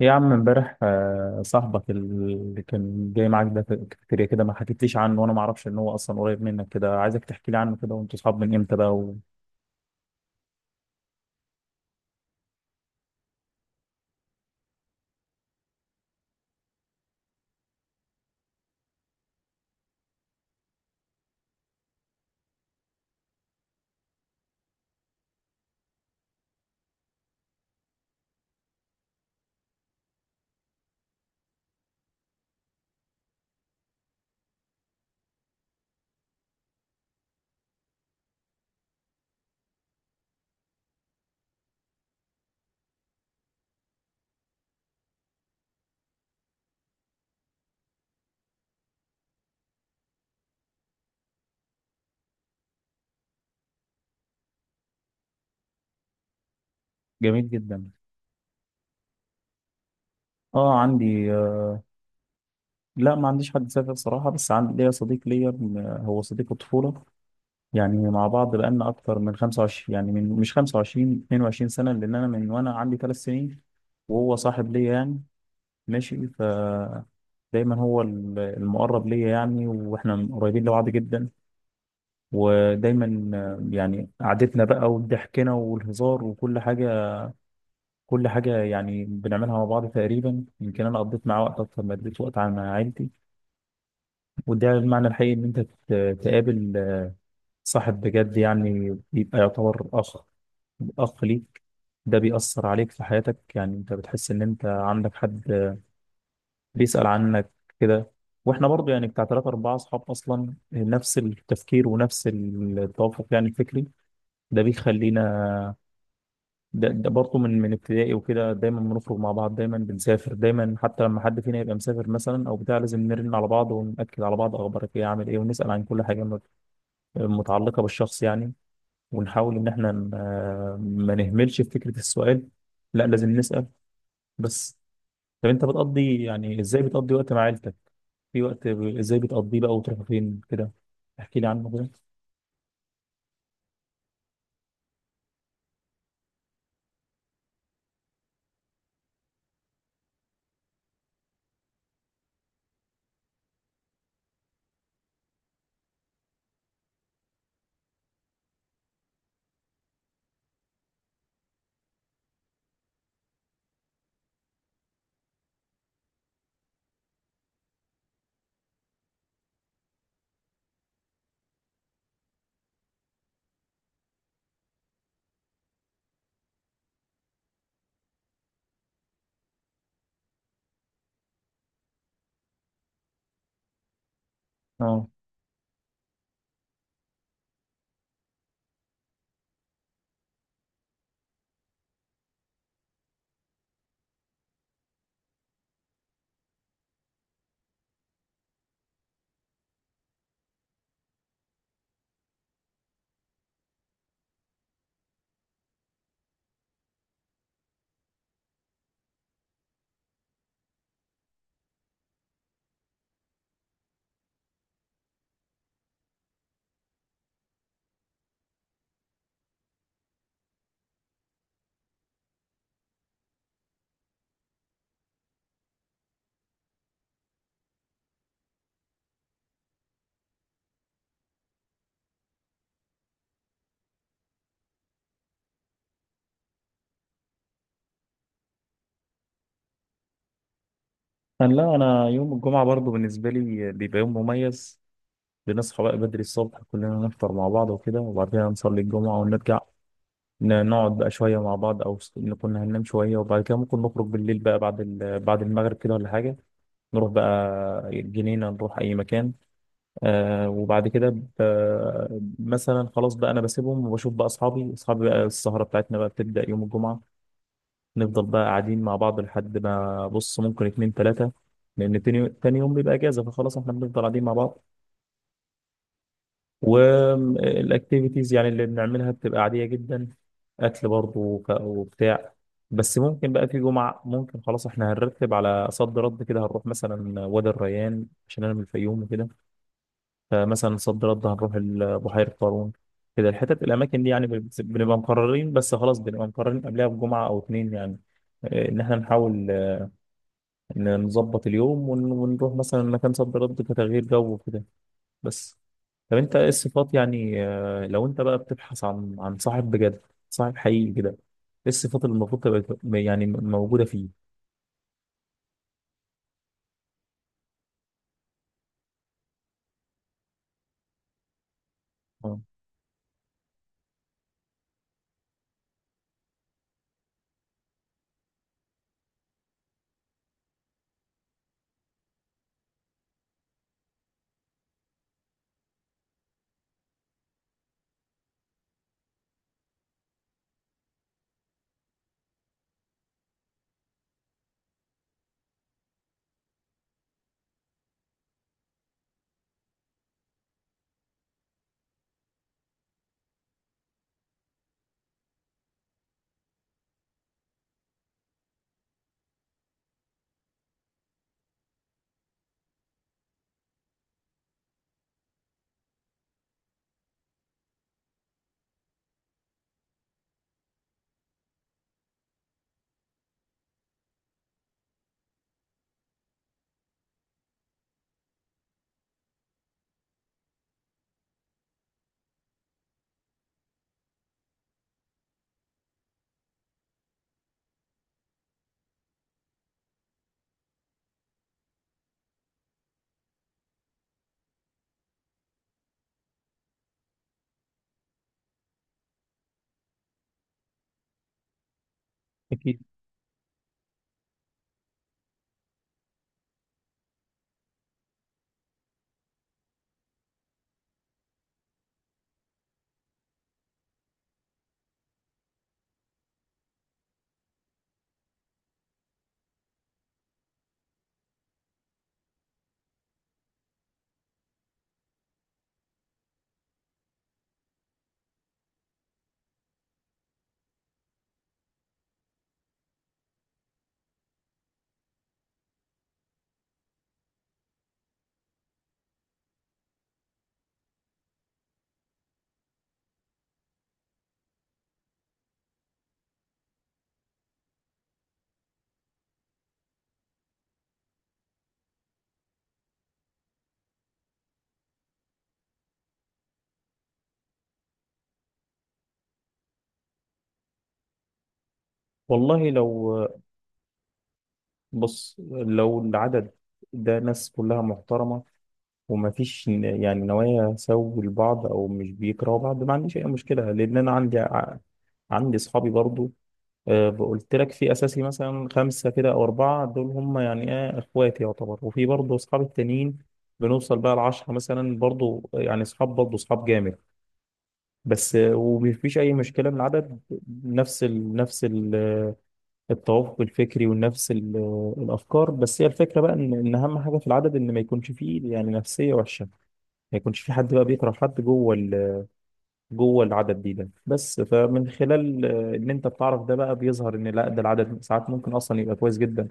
إيه يا عم امبارح صاحبك اللي كان جاي معاك ده في الكافيتيريا كده ما حكيتليش عنه وانا ما اعرفش ان هو اصلا قريب منك كده عايزك تحكي لي عنه كده وانتوا صحاب من امتى بقى وجميل جدا. اه عندي لا ما عنديش حد سافر صراحة بس عندي ليا صديق ليا، هو صديق الطفولة، يعني مع بعض بقالنا اكتر من 25، يعني مش 25، 22 سنة، لان انا من وانا عندي 3 سنين وهو صاحب ليا يعني. ماشي ف دايما هو المقرب ليا يعني، واحنا قريبين لبعض جدا ودايما، يعني قعدتنا بقى وضحكنا والهزار وكل حاجة، كل حاجة يعني بنعملها مع بعض تقريبا. يمكن أنا قضيت معاه وقت أكتر ما قضيت وقت مع عيلتي، وده المعنى الحقيقي إن أنت تقابل صاحب بجد، يعني بيبقى يعتبر أخ، أخ ليك. ده بيأثر عليك في حياتك، يعني أنت بتحس إن أنت عندك حد بيسأل عنك كده. واحنا برضو يعني بتاع 3 4 أصحاب أصلا نفس التفكير ونفس التوافق يعني الفكري، ده بيخلينا ده برضه من ابتدائي وكده، دايما بنخرج مع بعض، دايما بنسافر، دايما حتى لما حد فينا يبقى مسافر مثلا او بتاع لازم نرن على بعض ونأكد على بعض، اخبارك ايه، عامل ايه، ونسأل عن كل حاجه متعلقه بالشخص يعني، ونحاول ان احنا ما نهملش في فكره السؤال، لا لازم نسأل. بس طب انت بتقضي يعني ازاي بتقضي وقت مع عيلتك، في وقت ازاي بتقضيه بقى وتروح فين كده، احكي لي عنه كده. اه انا، لا انا يوم الجمعه برضه بالنسبه لي بيبقى يوم مميز. بنصحى بقى بدري الصبح كلنا نفطر مع بعض وكده، وبعدها نصلي الجمعة ونرجع نقعد بقى شوية مع بعض، أو نكون هننام شوية، وبعد كده ممكن نخرج بالليل بقى بعد بعد المغرب كده ولا حاجة، نروح بقى الجنينة، نروح أي مكان. آه وبعد كده مثلا خلاص بقى أنا بسيبهم وبشوف بقى أصحابي بقى، السهرة بتاعتنا بقى بتبدأ يوم الجمعة. نفضل بقى قاعدين مع بعض لحد ما بص ممكن اتنين تلاتة، لأن تاني يوم بيبقى إجازة، فخلاص احنا بنفضل قاعدين مع بعض. والاكتيفيتيز يعني اللي بنعملها بتبقى عادية جدا، اكل برضه وبتاع. بس ممكن بقى في جمعة ممكن خلاص احنا هنرتب على صد رد كده، هنروح مثلا وادي الريان عشان انا من الفيوم وكده، فمثلا صد رد هنروح بحيرة قارون كده، الحتت الاماكن دي يعني بنبقى مقررين، بس خلاص بنبقى مقررين قبلها بجمعة او اتنين يعني، ان احنا نحاول، إن نظبط اليوم ونروح مثلا مكان صد رد كتغيير جو وكده. بس طب انت ايه الصفات يعني، لو انت بقى بتبحث عن صاحب بجد، صاحب حقيقي كده، ايه الصفات اللي المفروض تبقى يعني موجودة فيه؟ اه اكيد. والله لو بص لو العدد ده ناس كلها محترمة، ومفيش يعني نوايا سوء لبعض او مش بيكرهوا بعض، ما عنديش اي مشكلة، لان انا عندي عندي اصحابي برضو، قلت لك في اساسي مثلا خمسه كده او اربعه، دول هم يعني ايه اخواتي يعتبر. وفي برضه اصحاب التانيين بنوصل بقى لـ 10 مثلا، برضه يعني اصحاب، برضه اصحاب جامد، بس ومفيش اي مشكله من العدد، نفس ال التوافق الفكري ونفس ال الافكار. بس هي الفكره بقى ان اهم حاجه في العدد ان ما يكونش فيه يعني نفسيه وحشه، ما يكونش في حد بقى بيكره حد جوه العدد دي، ده بس. فمن خلال، ان انت بتعرف ده بقى، بيظهر ان لا، ده العدد ساعات ممكن اصلا يبقى كويس جدا،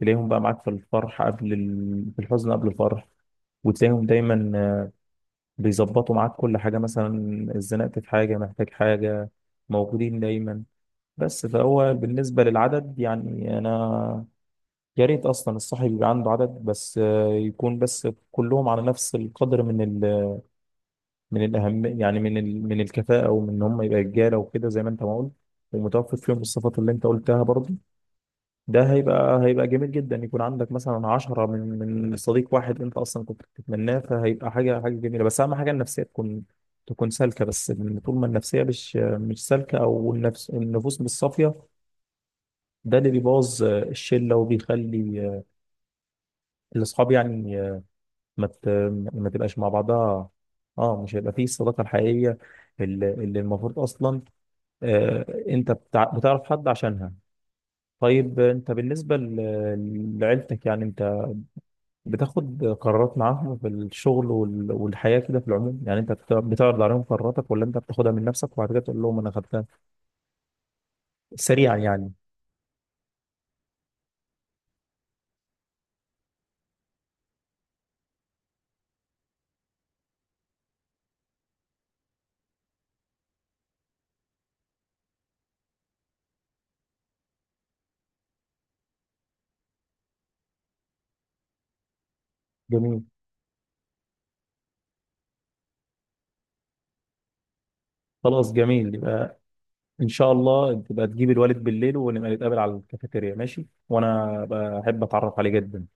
تلاقيهم بقى معاك في الفرح قبل ال... في الحزن قبل الفرح، وتلاقيهم دايما، بيظبطوا معاك كل حاجة، مثلا اتزنقت في حاجة، محتاج حاجة، موجودين دايما. بس فهو بالنسبة للعدد يعني أنا يا ريت أصلا الصاحب يبقى عنده عدد، بس يكون بس كلهم على نفس القدر من، من الأهم يعني من ال... من الكفاءة، ومن إن هم يبقى رجالة وكده زي ما أنت ما قلت، ومتوفر فيهم الصفات اللي أنت قلتها برضه. ده هيبقى، هيبقى جميل جدا يكون عندك مثلا عشرة من، من صديق واحد أنت أصلا كنت بتتمناه، فهيبقى حاجة، حاجة جميلة. بس أهم حاجة النفسية تكون، تكون سالكة، بس لأن طول ما النفسية مش سالكة، أو النفوس مش صافية، ده اللي بيبوظ الشلة وبيخلي الأصحاب يعني ما ت... ما تبقاش مع بعضها، اه مش هيبقى فيه الصداقة الحقيقية اللي المفروض أصلا، انت بتعرف حد عشانها. طيب انت بالنسبة لعيلتك، يعني انت بتاخد قرارات معاهم في الشغل والحياة كده في العموم، يعني انت بتعرض عليهم قراراتك، ولا انت بتاخدها من نفسك وبعد كده تقول لهم انا خدتها سريعا يعني؟ جميل، خلاص جميل. يبقى ان شاء الله تبقى تجيب الوالد بالليل ونبقى نتقابل على الكافيتيريا ماشي، وانا بحب اتعرف عليه جدا.